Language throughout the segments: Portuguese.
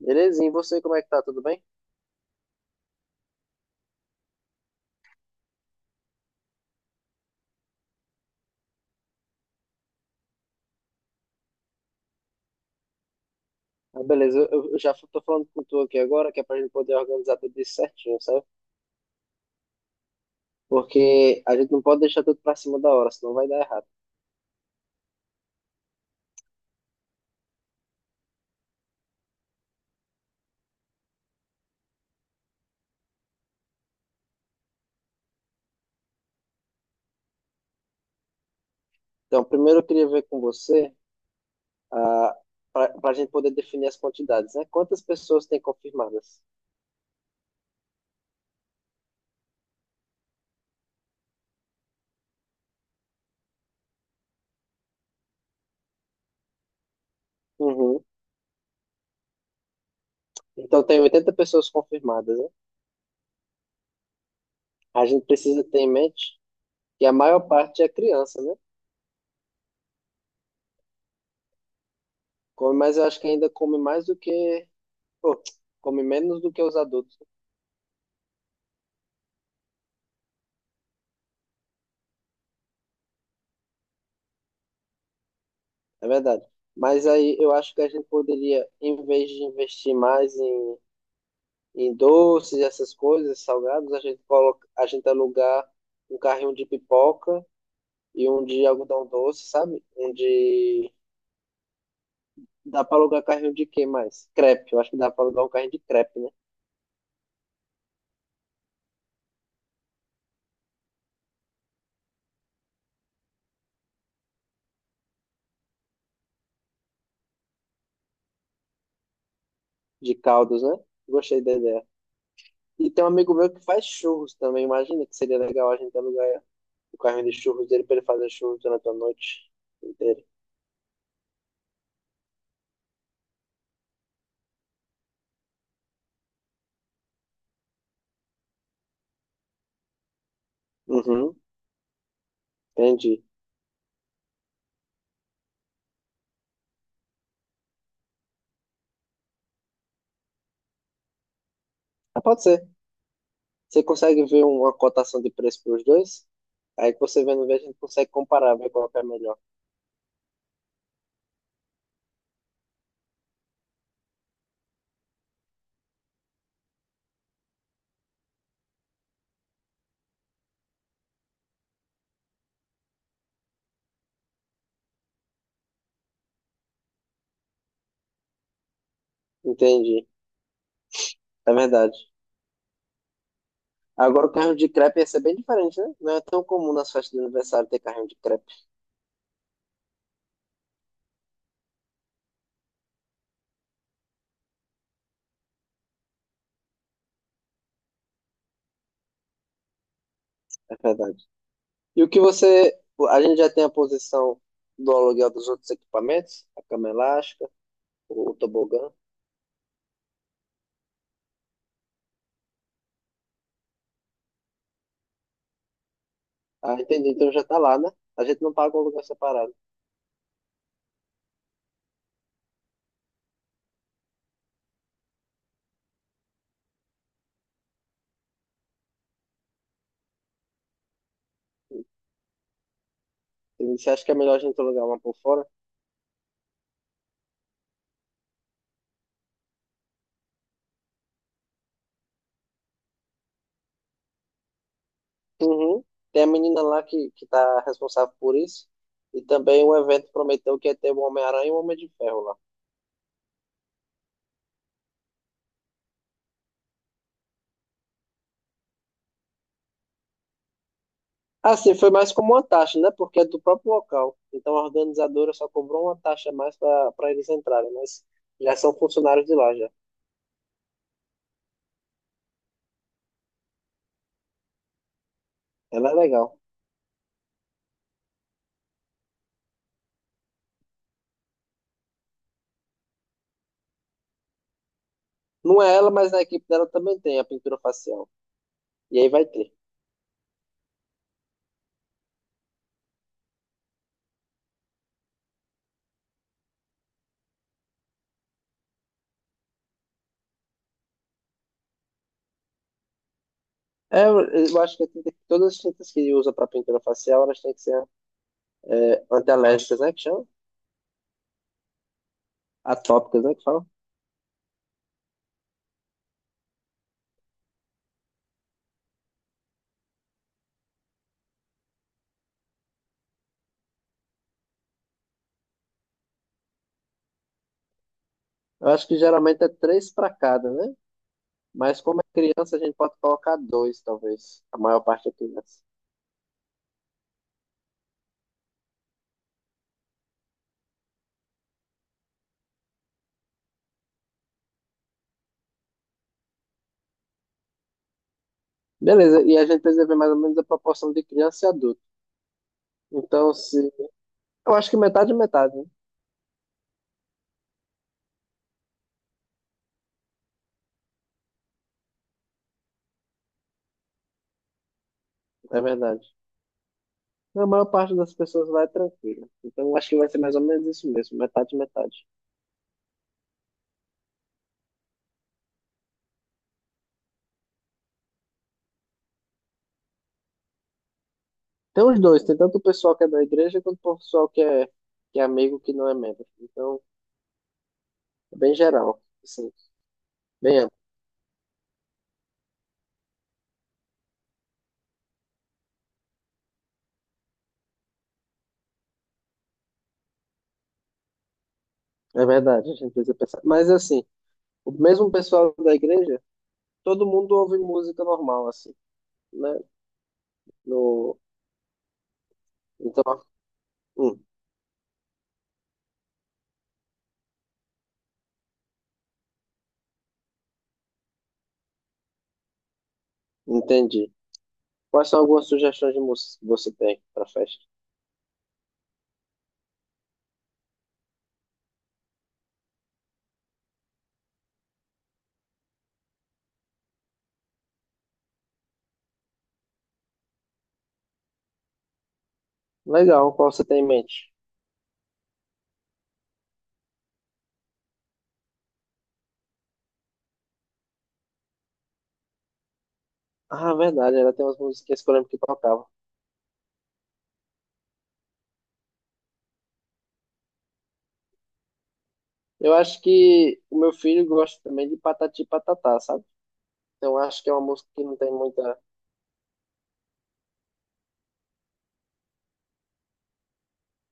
Belezinha, e você como é que tá? Tudo bem? Ah, beleza, tô falando com tu aqui agora, que é pra gente poder organizar tudo isso certinho, sabe? Porque a gente não pode deixar tudo pra cima da hora, senão vai dar errado. Então, primeiro eu queria ver com você, ah, pra gente poder definir as quantidades, né? Quantas pessoas tem confirmadas? Uhum. Então, tem 80 pessoas confirmadas, né? A gente precisa ter em mente que a maior parte é criança, né? Come, mas eu acho que ainda come mais do que... Pô, come menos do que os adultos. É verdade. Mas aí eu acho que a gente poderia, em vez de investir mais em doces, e essas coisas, salgados, a gente coloca, a gente alugar um carrinho de pipoca e um de algodão doce, sabe? Um de. Dá para alugar carrinho de quê mais? Crepe. Eu acho que dá para alugar um carrinho de crepe, né? De caldos, né? Gostei da ideia. E tem um amigo meu que faz churros também. Imagina que seria legal a gente alugar o carrinho de churros dele para ele fazer churros durante a noite inteira. Uhum, entendi. Ah, pode ser. Você consegue ver uma cotação de preço para os dois? Aí que você vendo, vê, a gente consegue comparar, ver qual que é melhor. Entendi, é verdade. Agora o carrinho de crepe ia ser bem diferente, né? Não é tão comum nas festas de aniversário ter carrinho de crepe, é verdade. E o que você. A gente já tem a posição do aluguel dos outros equipamentos, a cama elástica, o tobogã. Ah, entendi, então já tá lá, né? A gente não paga um lugar separado. Entendi. Você acha que é melhor a gente alugar uma por fora? Uhum. Tem a menina lá que tá responsável por isso. E também o evento prometeu que ia ter o Homem-Aranha e o Homem de Ferro lá. Assim, foi mais como uma taxa, né? Porque é do próprio local. Então a organizadora só cobrou uma taxa a mais para eles entrarem, mas já são funcionários de lá já. Ela é legal. Não é ela, mas na equipe dela também tem a pintura facial. E aí vai ter. É, eu eu acho que tem que- todas as tintas que usa para pintura facial, elas têm que ser antialérgicas, né? Que chama? Atópicas, né? Que fala? Eu acho que geralmente é três para cada, né? Mas como é criança, a gente pode colocar dois, talvez. A maior parte é criança. Beleza, e a gente precisa ver mais ou menos a proporção de criança e adulto. Então, se. Eu acho que metade é metade, né? É verdade. A maior parte das pessoas lá é tranquila. Então, eu acho que vai ser mais ou menos isso mesmo, metade, metade. Tem os dois, tem tanto o pessoal que é da igreja quanto o pessoal que é amigo que não é membro. Então, é bem geral, assim, bem amplo. É verdade, a gente precisa pensar. Mas, assim, o mesmo pessoal da igreja, todo mundo ouve música normal, assim, né? No... Então, hum, entendi. Quais são algumas sugestões de músicas que você tem para festa? Legal, qual você tem em mente? Ah, verdade, ela tem umas musiquinhas que eu lembro que tocava. Eu acho que o meu filho gosta também de Patati e Patatá, sabe? Então eu acho que é uma música que não tem muita.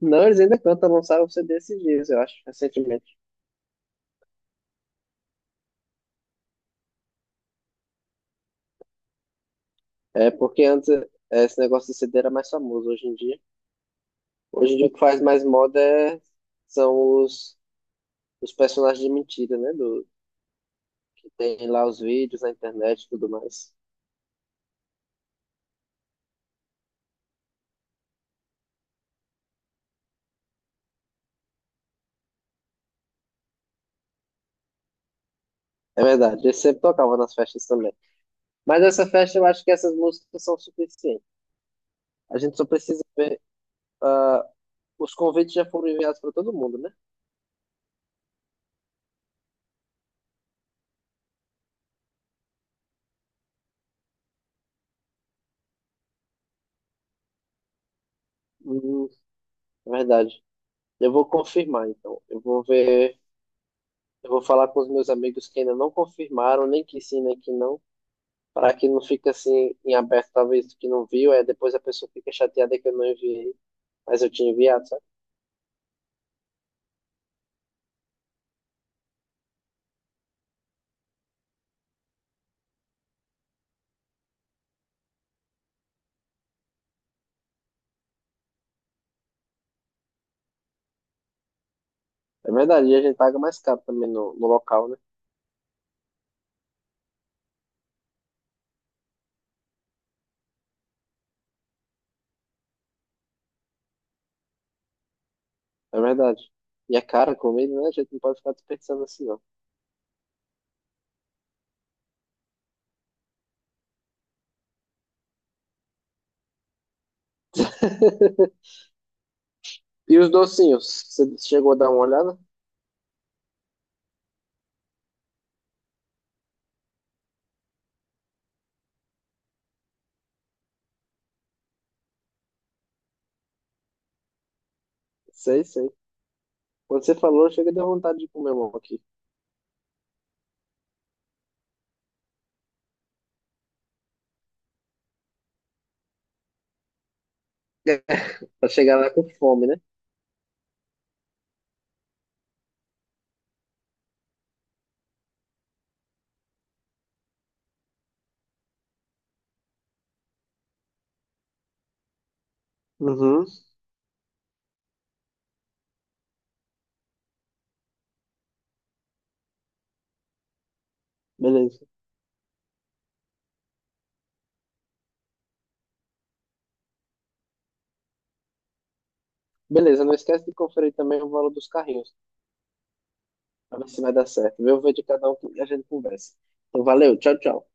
Não, eles ainda cantam, lançaram o CD esses dias, eu acho, recentemente. É, porque antes esse negócio de CD era mais famoso hoje em dia. Hoje em dia o que faz mais moda é- são os personagens de mentira, né? Do, que tem lá os vídeos na internet e tudo mais. É verdade, eu sempre tocava nas festas também. Mas essa festa eu acho que essas músicas são suficientes. A gente só precisa ver. ah, os convites já foram enviados para todo mundo, né? Hum, É verdade. Eu vou confirmar, então. Eu vou ver. Eu vou falar com os meus amigos que ainda não confirmaram, nem que sim, nem que não, para que não fique assim em aberto, talvez que não viu, aí depois a pessoa fica chateada que eu não enviei, mas eu tinha enviado, sabe? É verdade, e a gente paga mais caro também no local, né? É verdade. E é caro comida, né? A gente não pode ficar desperdiçando assim, não. E os docinhos? Você chegou a dar uma olhada? Sei, sei. Quando você falou, chega deu vontade de comer um aqui. Pra chegar lá com fome, né? Uhum. Beleza. Beleza, não esquece de conferir também o valor dos carrinhos. Pra ver se vai dar certo. Vê o vídeo de cada um que a gente conversa. Então, valeu. Tchau, tchau.